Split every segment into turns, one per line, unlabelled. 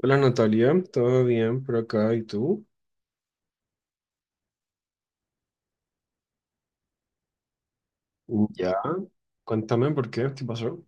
Hola Natalia, ¿todo bien por acá? ¿Y tú? Ya, cuéntame por qué, ¿qué pasó?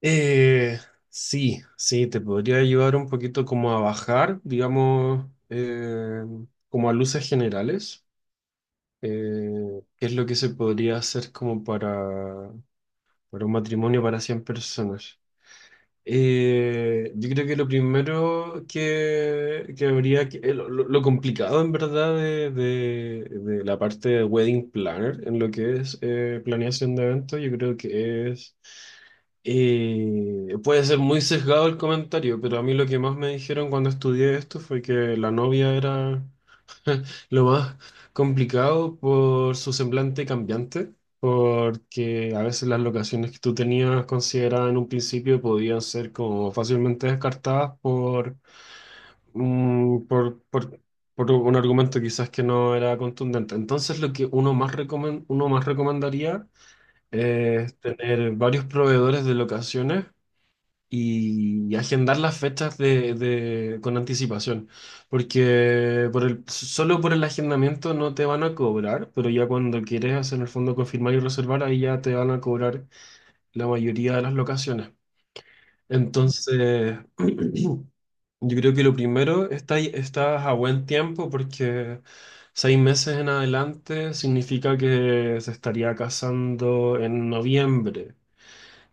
Eh, sí, sí, te podría ayudar un poquito como a bajar, digamos, como a luces generales. eh, ¿Qué es lo que se podría hacer como para un matrimonio para 100 personas? Yo creo que lo primero que habría que, lo complicado en verdad de la parte de wedding planner en lo que es planeación de eventos. Yo creo que puede ser muy sesgado el comentario, pero a mí lo que más me dijeron cuando estudié esto fue que la novia era lo más complicado por su semblante cambiante, porque a veces las locaciones que tú tenías consideradas en un principio podían ser como fácilmente descartadas por, mm, por un argumento quizás que no era contundente. Entonces, lo que uno más recomendaría es tener varios proveedores de locaciones y agendar las fechas con anticipación, porque solo por el agendamiento no te van a cobrar, pero ya cuando quieres hacer en el fondo confirmar y reservar, ahí ya te van a cobrar la mayoría de las locaciones. Entonces, yo creo que lo primero, estás a buen tiempo porque 6 meses en adelante significa que se estaría casando en noviembre.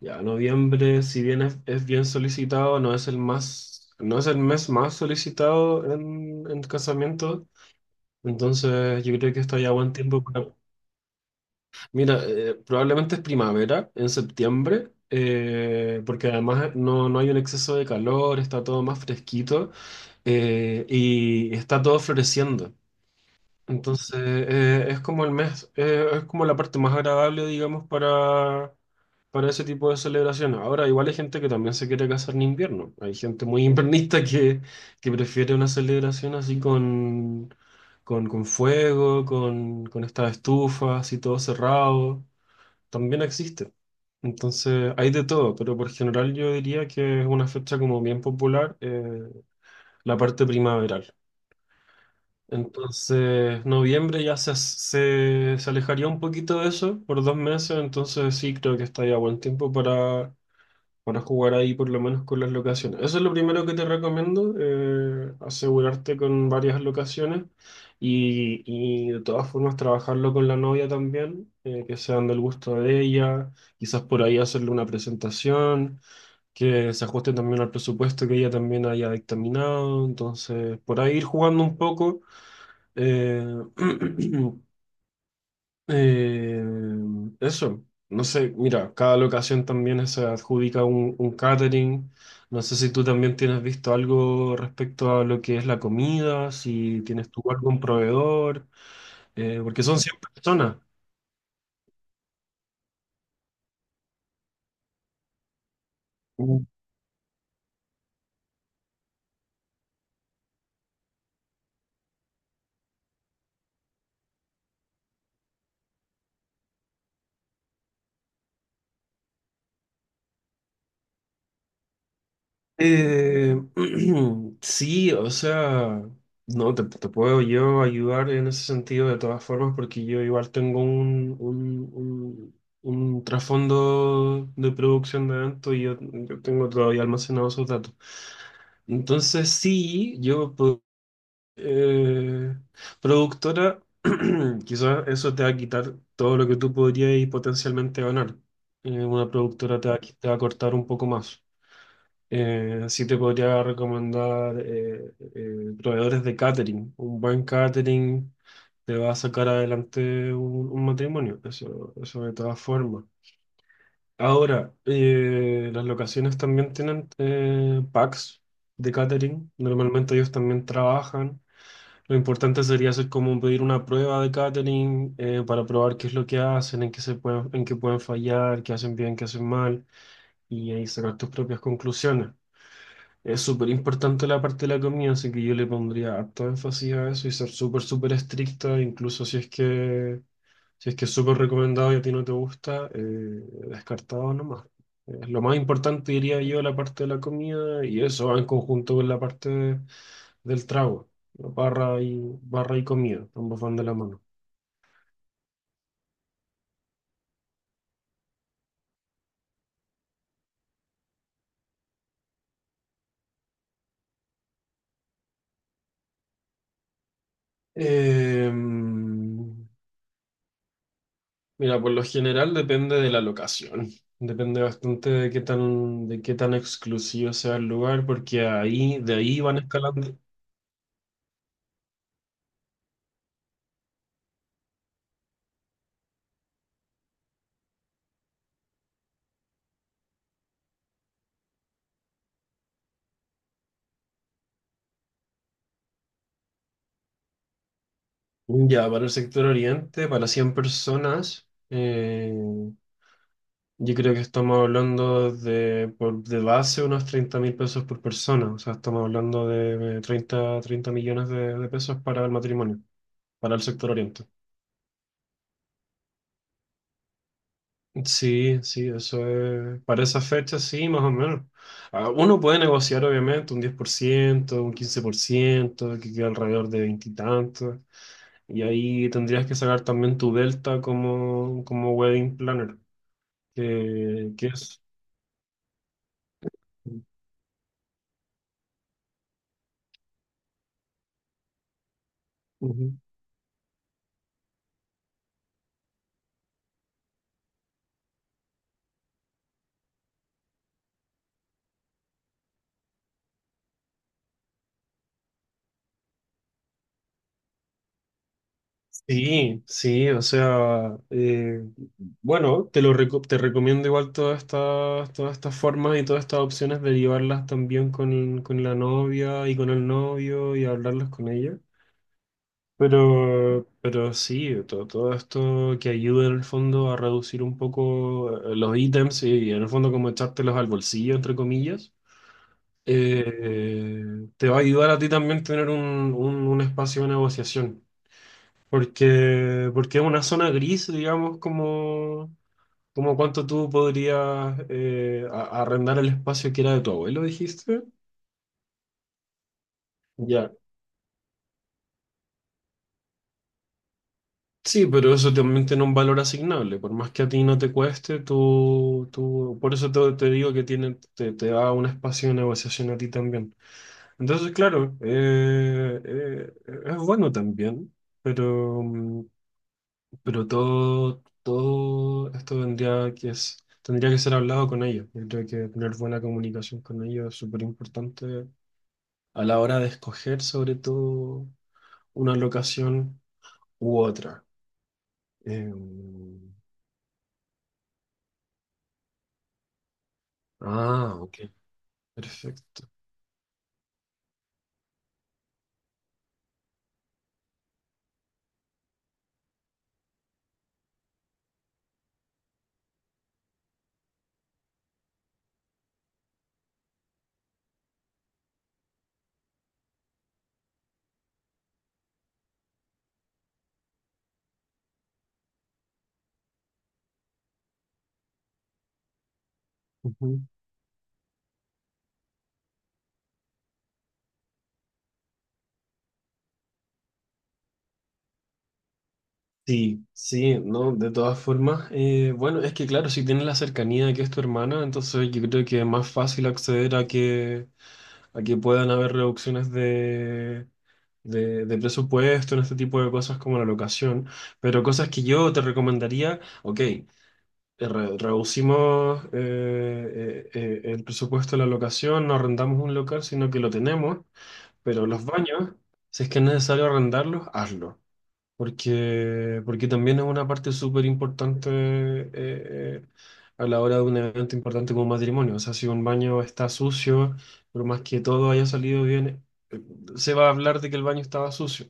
Ya, noviembre, si bien es bien solicitado, no es el mes más solicitado en casamiento. Entonces, yo creo que está ya buen tiempo para. Mira, probablemente es primavera, en septiembre, porque además no hay un exceso de calor, está todo más fresquito y está todo floreciendo. Entonces, es como la parte más agradable, digamos, para ese tipo de celebraciones. Ahora, igual hay gente que también se quiere casar en invierno. Hay gente muy invernista que prefiere una celebración así con fuego, con estas estufas y todo cerrado. También existe. Entonces, hay de todo, pero por general yo diría que es una fecha como bien popular, la parte primaveral. Entonces, noviembre ya se alejaría un poquito de eso por 2 meses, entonces sí creo que está ya buen tiempo para jugar ahí por lo menos con las locaciones. Eso es lo primero que te recomiendo, asegurarte con varias locaciones y de todas formas trabajarlo con la novia también, que sean del gusto de ella, quizás por ahí hacerle una presentación, que se ajuste también al presupuesto que ella también haya dictaminado, entonces por ahí ir jugando un poco. Eh, eh, Eso, no sé, mira, cada locación también se adjudica un catering. No sé si tú también tienes visto algo respecto a lo que es la comida, si tienes tú algún proveedor, porque son 100 personas. Eh, sí, o sea, no, te puedo yo ayudar en ese sentido de todas formas porque yo igual tengo un trasfondo de producción de eventos y yo tengo todavía almacenados esos datos. Entonces sí, eh, productora, quizás eso te va a quitar todo lo que tú podrías potencialmente ganar. Una productora te va a cortar un poco más. Sí te podría recomendar proveedores de catering. Un buen catering te va a sacar adelante un matrimonio, eso de todas formas. Ahora, las locaciones también tienen packs de catering. Normalmente ellos también trabajan. Lo importante sería hacer como pedir una prueba de catering para probar qué es lo que hacen, en qué se pueden, en qué pueden fallar, qué hacen bien, qué hacen mal, y ahí sacar tus propias conclusiones. Es súper importante la parte de la comida, así que yo le pondría harto énfasis a eso y ser súper, súper estricta, incluso si es que es súper recomendado y a ti no te gusta, descartado nomás. Lo más importante diría yo la parte de la comida y eso va en conjunto con la parte del trago, ¿no? Barra y comida, ambos van de la mano. Eh, Mira, por lo general depende de la locación. Depende bastante de qué tan exclusivo sea el lugar, porque ahí, de ahí van escalando. Ya, para el sector oriente, para 100 personas, yo creo que estamos hablando de base unos 30.000 pesos por persona. O sea, estamos hablando de 30, 30 millones de pesos para el matrimonio, para el sector oriente. Sí, sí, eso es. Para esa fecha, sí, más o menos. Ah, uno puede negociar, obviamente, un 10%, un 15%, que queda alrededor de veintitantos. Y, tantos. Y ahí tendrías que sacar también tu delta como wedding planner, que es. Sí, sí, o sea, bueno, te recomiendo igual todas estas formas y todas estas opciones de llevarlas también con la novia y con el novio y hablarlas con ella. Pero sí, todo esto que ayuda en el fondo a reducir un poco los ítems y en el fondo como echártelos al bolsillo, entre comillas, eh, te va a ayudar a ti también tener un espacio de negociación. Porque es una zona gris, digamos, como cuánto tú podrías arrendar el espacio que era de tu abuelo, dijiste. Ya. Sí, pero eso también tiene un valor asignable. Por más que a ti no te cueste, tú, por eso te digo que te da un espacio de negociación a ti también. Entonces, claro, es bueno también, pero. Pero todo esto tendría que ser hablado con ellos. Yo creo que tener buena comunicación con ellos es súper importante a la hora de escoger sobre todo una locación u otra. Eh, ah, ok, perfecto. Ujú. Sí, sí, no, de todas formas, bueno, es que claro, si tienes la cercanía de que es tu hermana, entonces yo creo que es más fácil acceder a que puedan haber reducciones de presupuesto en este tipo de cosas como la locación, pero cosas que yo te recomendaría, ok, reducimos el presupuesto de la locación, no arrendamos un local, sino que lo tenemos, pero los baños, si es que es necesario arrendarlos, hazlo porque también es una parte súper importante a la hora de un evento importante como un matrimonio. O sea, si un baño está sucio, por más que todo haya salido bien, se va a hablar de que el baño estaba sucio.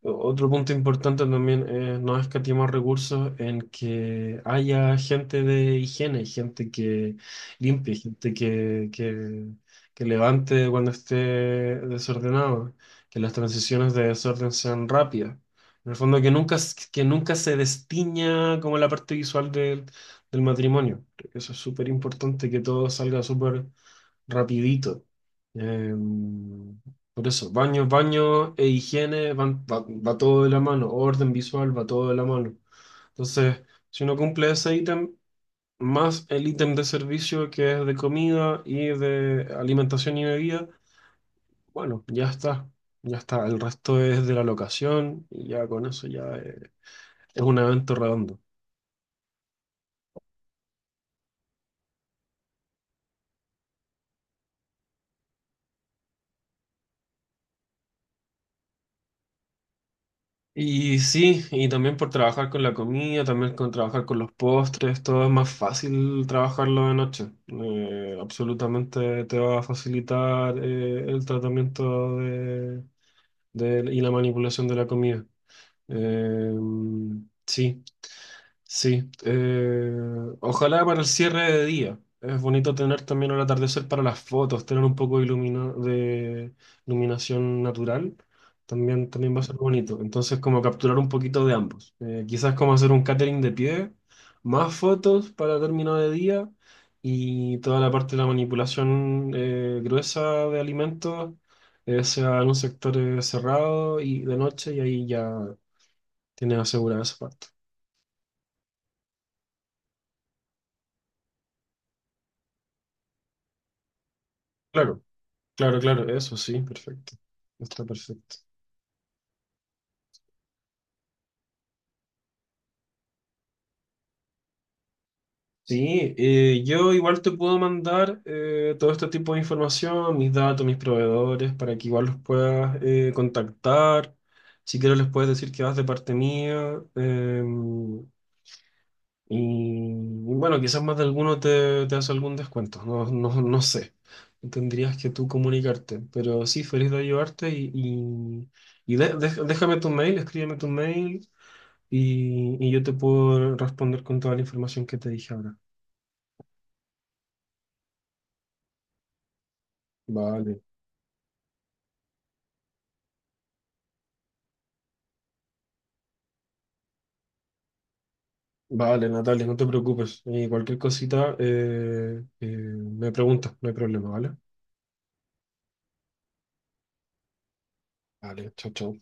Otro punto importante también es no escatimar recursos en que haya gente de higiene, gente que limpie, gente que levante cuando esté desordenado, que las transiciones de desorden sean rápidas. En el fondo, que nunca se destiña como la parte visual del matrimonio. Creo que eso es súper importante, que todo salga súper rapidito. Em, por eso, baño e higiene va todo de la mano, orden visual va todo de la mano. Entonces, si uno cumple ese ítem, más el ítem de servicio que es de comida y de alimentación y bebida, bueno, ya está, ya está. El resto es de la locación y ya con eso ya es un evento redondo. Y sí, y también por trabajar con la comida, también con trabajar con los postres, todo es más fácil trabajarlo de noche. Absolutamente te va a facilitar el tratamiento y la manipulación de la comida. Eh, sí. Sí, ojalá para el cierre de día. Es bonito tener también el atardecer para las fotos, tener un poco de iluminación natural, también va a ser bonito. Entonces, como capturar un poquito de ambos. Quizás como hacer un catering de pie, más fotos para término de día y toda la parte de la manipulación gruesa de alimentos, sea en un sector cerrado y de noche y ahí ya tienes asegurada esa parte. Claro. Claro, claro, eso sí, perfecto. Está perfecto. Sí, yo igual te puedo mandar todo este tipo de información, mis datos, mis proveedores, para que igual los puedas contactar. Si quieres les puedes decir que vas de parte mía. Y bueno, quizás más de alguno te hace algún descuento, no, no, no sé. Tendrías que tú comunicarte, pero sí, feliz de ayudarte déjame tu mail, escríbeme tu mail y yo te puedo responder con toda la información que te dije ahora. Vale, vale, Natalia, no te preocupes. Y cualquier cosita me preguntas, no hay problema, ¿vale? Vale, chao, chao.